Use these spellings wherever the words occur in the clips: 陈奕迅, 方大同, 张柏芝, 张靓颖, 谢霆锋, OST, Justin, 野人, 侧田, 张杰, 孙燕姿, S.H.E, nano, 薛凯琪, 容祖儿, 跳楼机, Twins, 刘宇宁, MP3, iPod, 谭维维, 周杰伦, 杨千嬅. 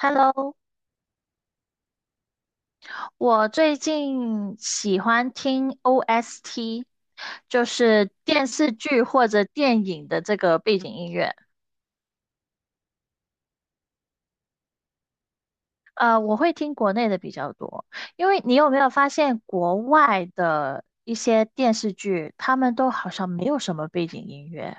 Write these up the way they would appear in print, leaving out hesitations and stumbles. Hello，我最近喜欢听 OST，就是电视剧或者电影的这个背景音乐。我会听国内的比较多，因为你有没有发现国外的一些电视剧，他们都好像没有什么背景音乐？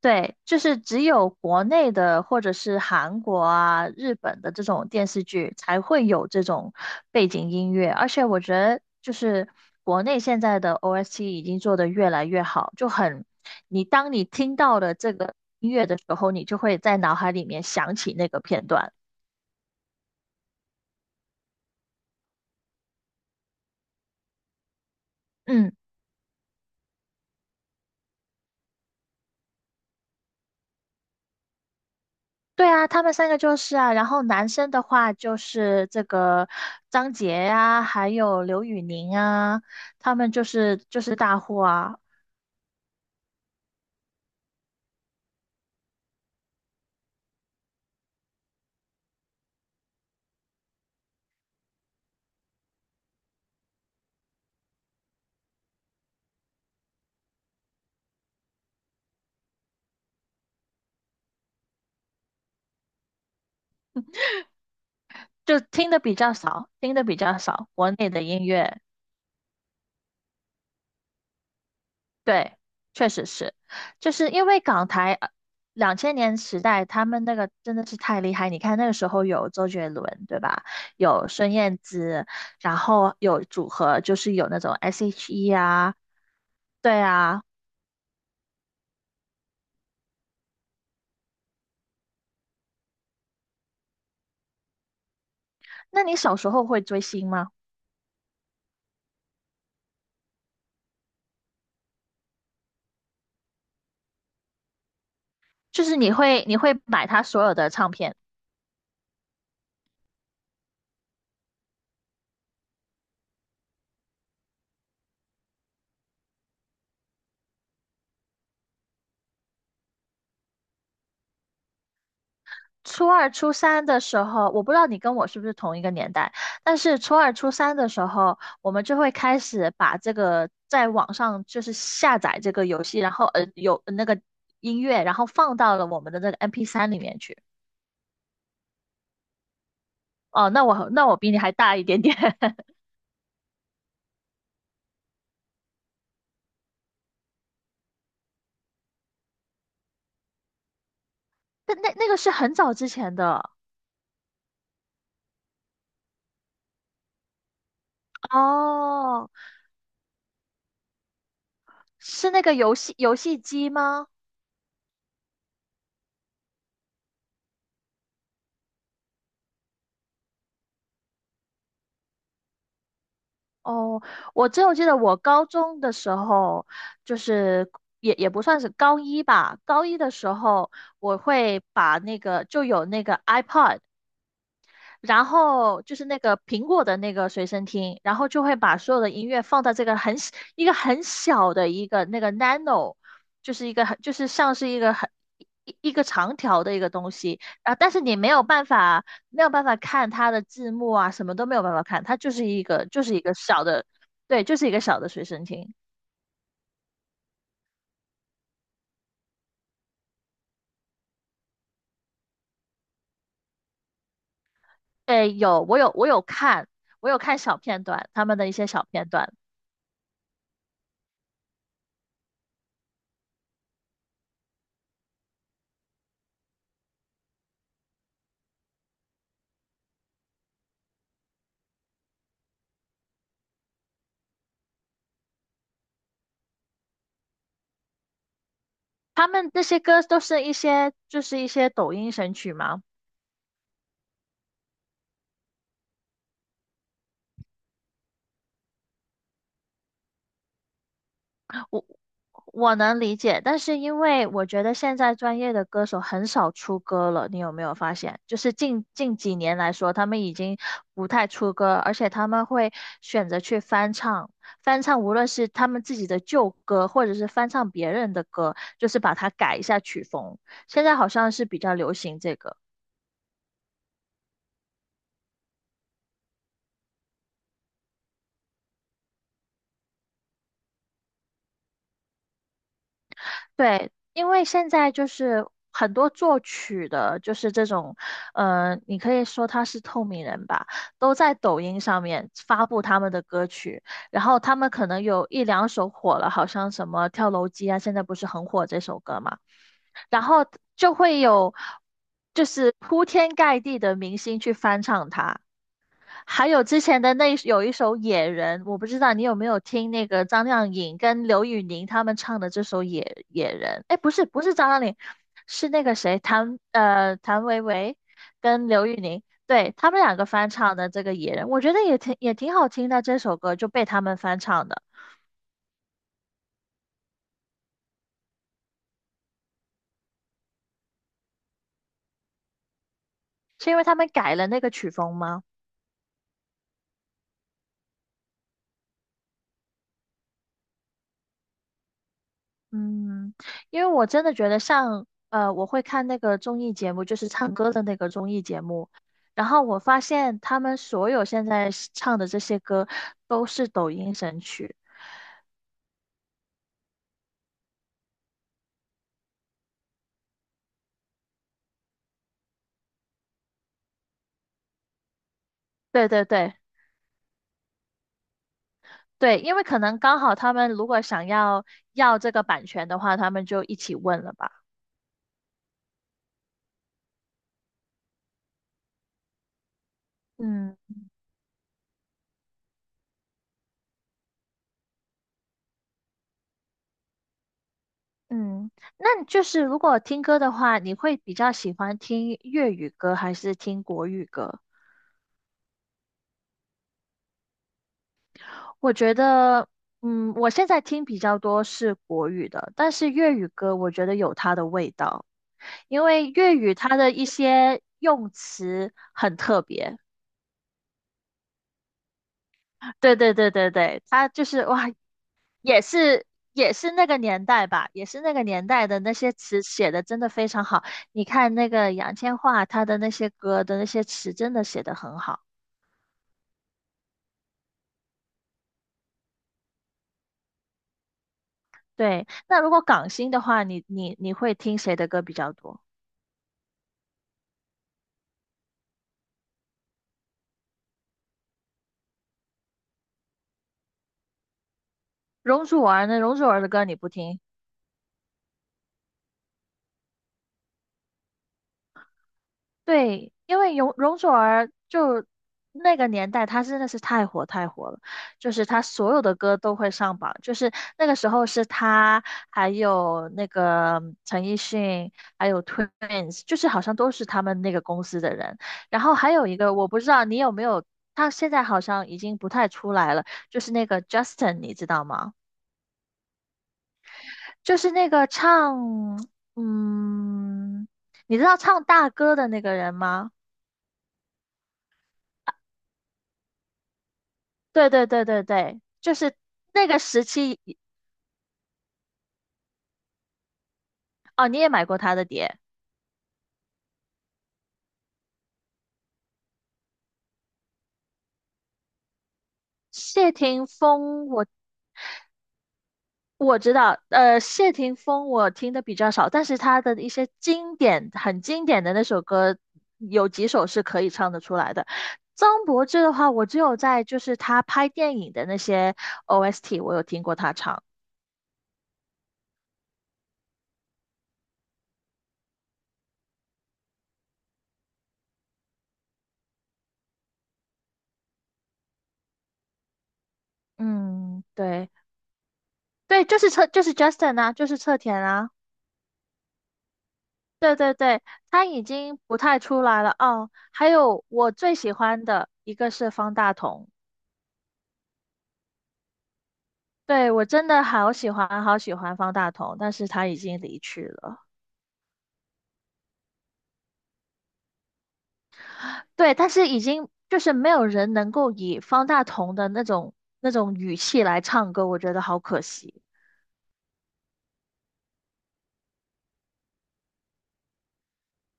对，就是只有国内的或者是韩国啊、日本的这种电视剧才会有这种背景音乐，而且我觉得就是国内现在的 OST 已经做得越来越好，就很，你当你听到了这个音乐的时候，你就会在脑海里面想起那个片段。嗯，对啊，他们三个就是啊，然后男生的话就是这个张杰呀，还有刘宇宁啊，他们就是大户啊。就听的比较少，听的比较少，国内的音乐，对，确实是，就是因为港台两千年时代，他们那个真的是太厉害。你看那个时候有周杰伦，对吧？有孙燕姿，然后有组合，就是有那种 S.H.E 啊，对啊。那你小时候会追星吗？就是你会买他所有的唱片？初二、初三的时候，我不知道你跟我是不是同一个年代，但是初二、初三的时候，我们就会开始把这个在网上就是下载这个游戏，然后有那个音乐，然后放到了我们的那个 MP3里面去。哦，那我比你还大一点点，那个是很早之前的哦，是那个游戏机吗？哦，我只有记得我高中的时候，就是也不算是高一吧，高一的时候我会把那个就有那个 iPod。然后就是那个苹果的那个随身听，然后就会把所有的音乐放到这个很小一个很小的一个那个 nano，就是一个很就是像是一个很一个长条的一个东西，啊，但是你没有办法看它的字幕啊，什么都没有办法看，它就是一个小的，对，就是一个小的随身听。诶，有我有我有看，我有看小片段，他们的一些小片段，他们那些歌都是一些就是一些抖音神曲嘛。我我能理解，但是因为我觉得现在专业的歌手很少出歌了，你有没有发现？就是近几年来说，他们已经不太出歌，而且他们会选择去翻唱，翻唱无论是他们自己的旧歌，或者是翻唱别人的歌，就是把它改一下曲风。现在好像是比较流行这个。对，因为现在就是很多作曲的，就是这种，你可以说他是透明人吧，都在抖音上面发布他们的歌曲，然后他们可能有一两首火了，好像什么《跳楼机》啊，现在不是很火这首歌嘛，然后就会有就是铺天盖地的明星去翻唱它。还有之前的有一首《野人》，我不知道你有没有听那个张靓颖跟刘宇宁他们唱的这首《野人》。哎，不是不是张靓颖，是那个谁谭维维跟刘宇宁，对他们两个翻唱的这个《野人》，我觉得也挺好听的这首歌就被他们翻唱的，是因为他们改了那个曲风吗？嗯，因为我真的觉得像我会看那个综艺节目，就是唱歌的那个综艺节目，然后我发现他们所有现在是唱的这些歌都是抖音神曲。对对对对，因为可能刚好他们如果想要这个版权的话，他们就一起问了吧。嗯嗯，那就是如果听歌的话，你会比较喜欢听粤语歌还是听国语歌？我觉得，嗯，我现在听比较多是国语的，但是粤语歌我觉得有它的味道，因为粤语它的一些用词很特别。对对对对对，它就是哇，也是也是那个年代吧，也是那个年代的那些词写的真的非常好。你看那个杨千嬅，她的那些歌的那些词真的写得很好。对，那如果港星的话，你会听谁的歌比较多？容祖儿呢？容祖儿的歌你不听？对，因为容祖儿就那个年代，她真的是太火太火了，就是她所有的歌都会上榜，就是那个时候是她，还有那个陈奕迅，还有 Twins，就是好像都是他们那个公司的人。然后还有一个我不知道你有没有，他现在好像已经不太出来了，就是那个 Justin，你知道吗？就是那个唱，嗯，你知道唱大哥的那个人吗？对对对对对，就是那个时期哦，你也买过他的碟。谢霆锋我，我知道，谢霆锋我听的比较少，但是他的一些经典、很经典的那首歌，有几首是可以唱得出来的。张柏芝的话，我只有在就是他拍电影的那些 OST，我有听过他唱。嗯，对对，就是侧就是 Justin 啊，就是侧田啊。对对对，他已经不太出来了哦。还有我最喜欢的一个是方大同，对，我真的好喜欢好喜欢方大同，但是他已经离去了。对，但是已经就是没有人能够以方大同的那种语气来唱歌，我觉得好可惜。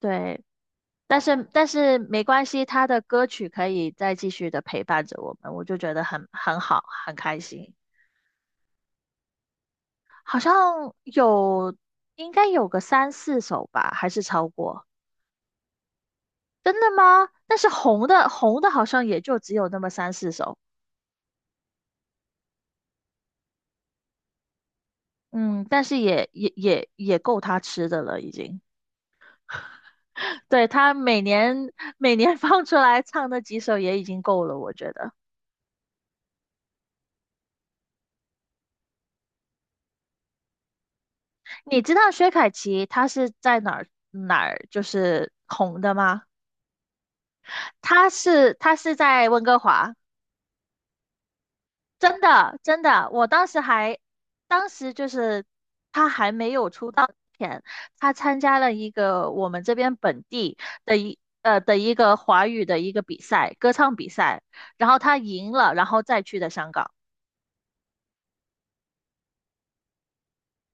对，但是没关系，他的歌曲可以再继续的陪伴着我们，我就觉得很好，很开心。好像有，应该有个三四首吧，还是超过？真的吗？但是红的好像也就只有那么三四首，嗯，但是也够他吃的了，已经。对，他每年 放出来唱那几首也已经够了，我觉得。你知道薛凯琪她是在哪儿就是红的吗？她是在温哥华。真的，真的，我当时还，当时就是他还没有出道前，他参加了一个我们这边本地的一个华语的一个比赛，歌唱比赛，然后他赢了，然后再去的香港。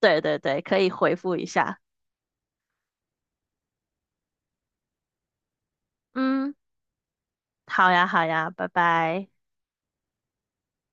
对对对，可以回复一下。嗯，好呀，好呀，拜拜。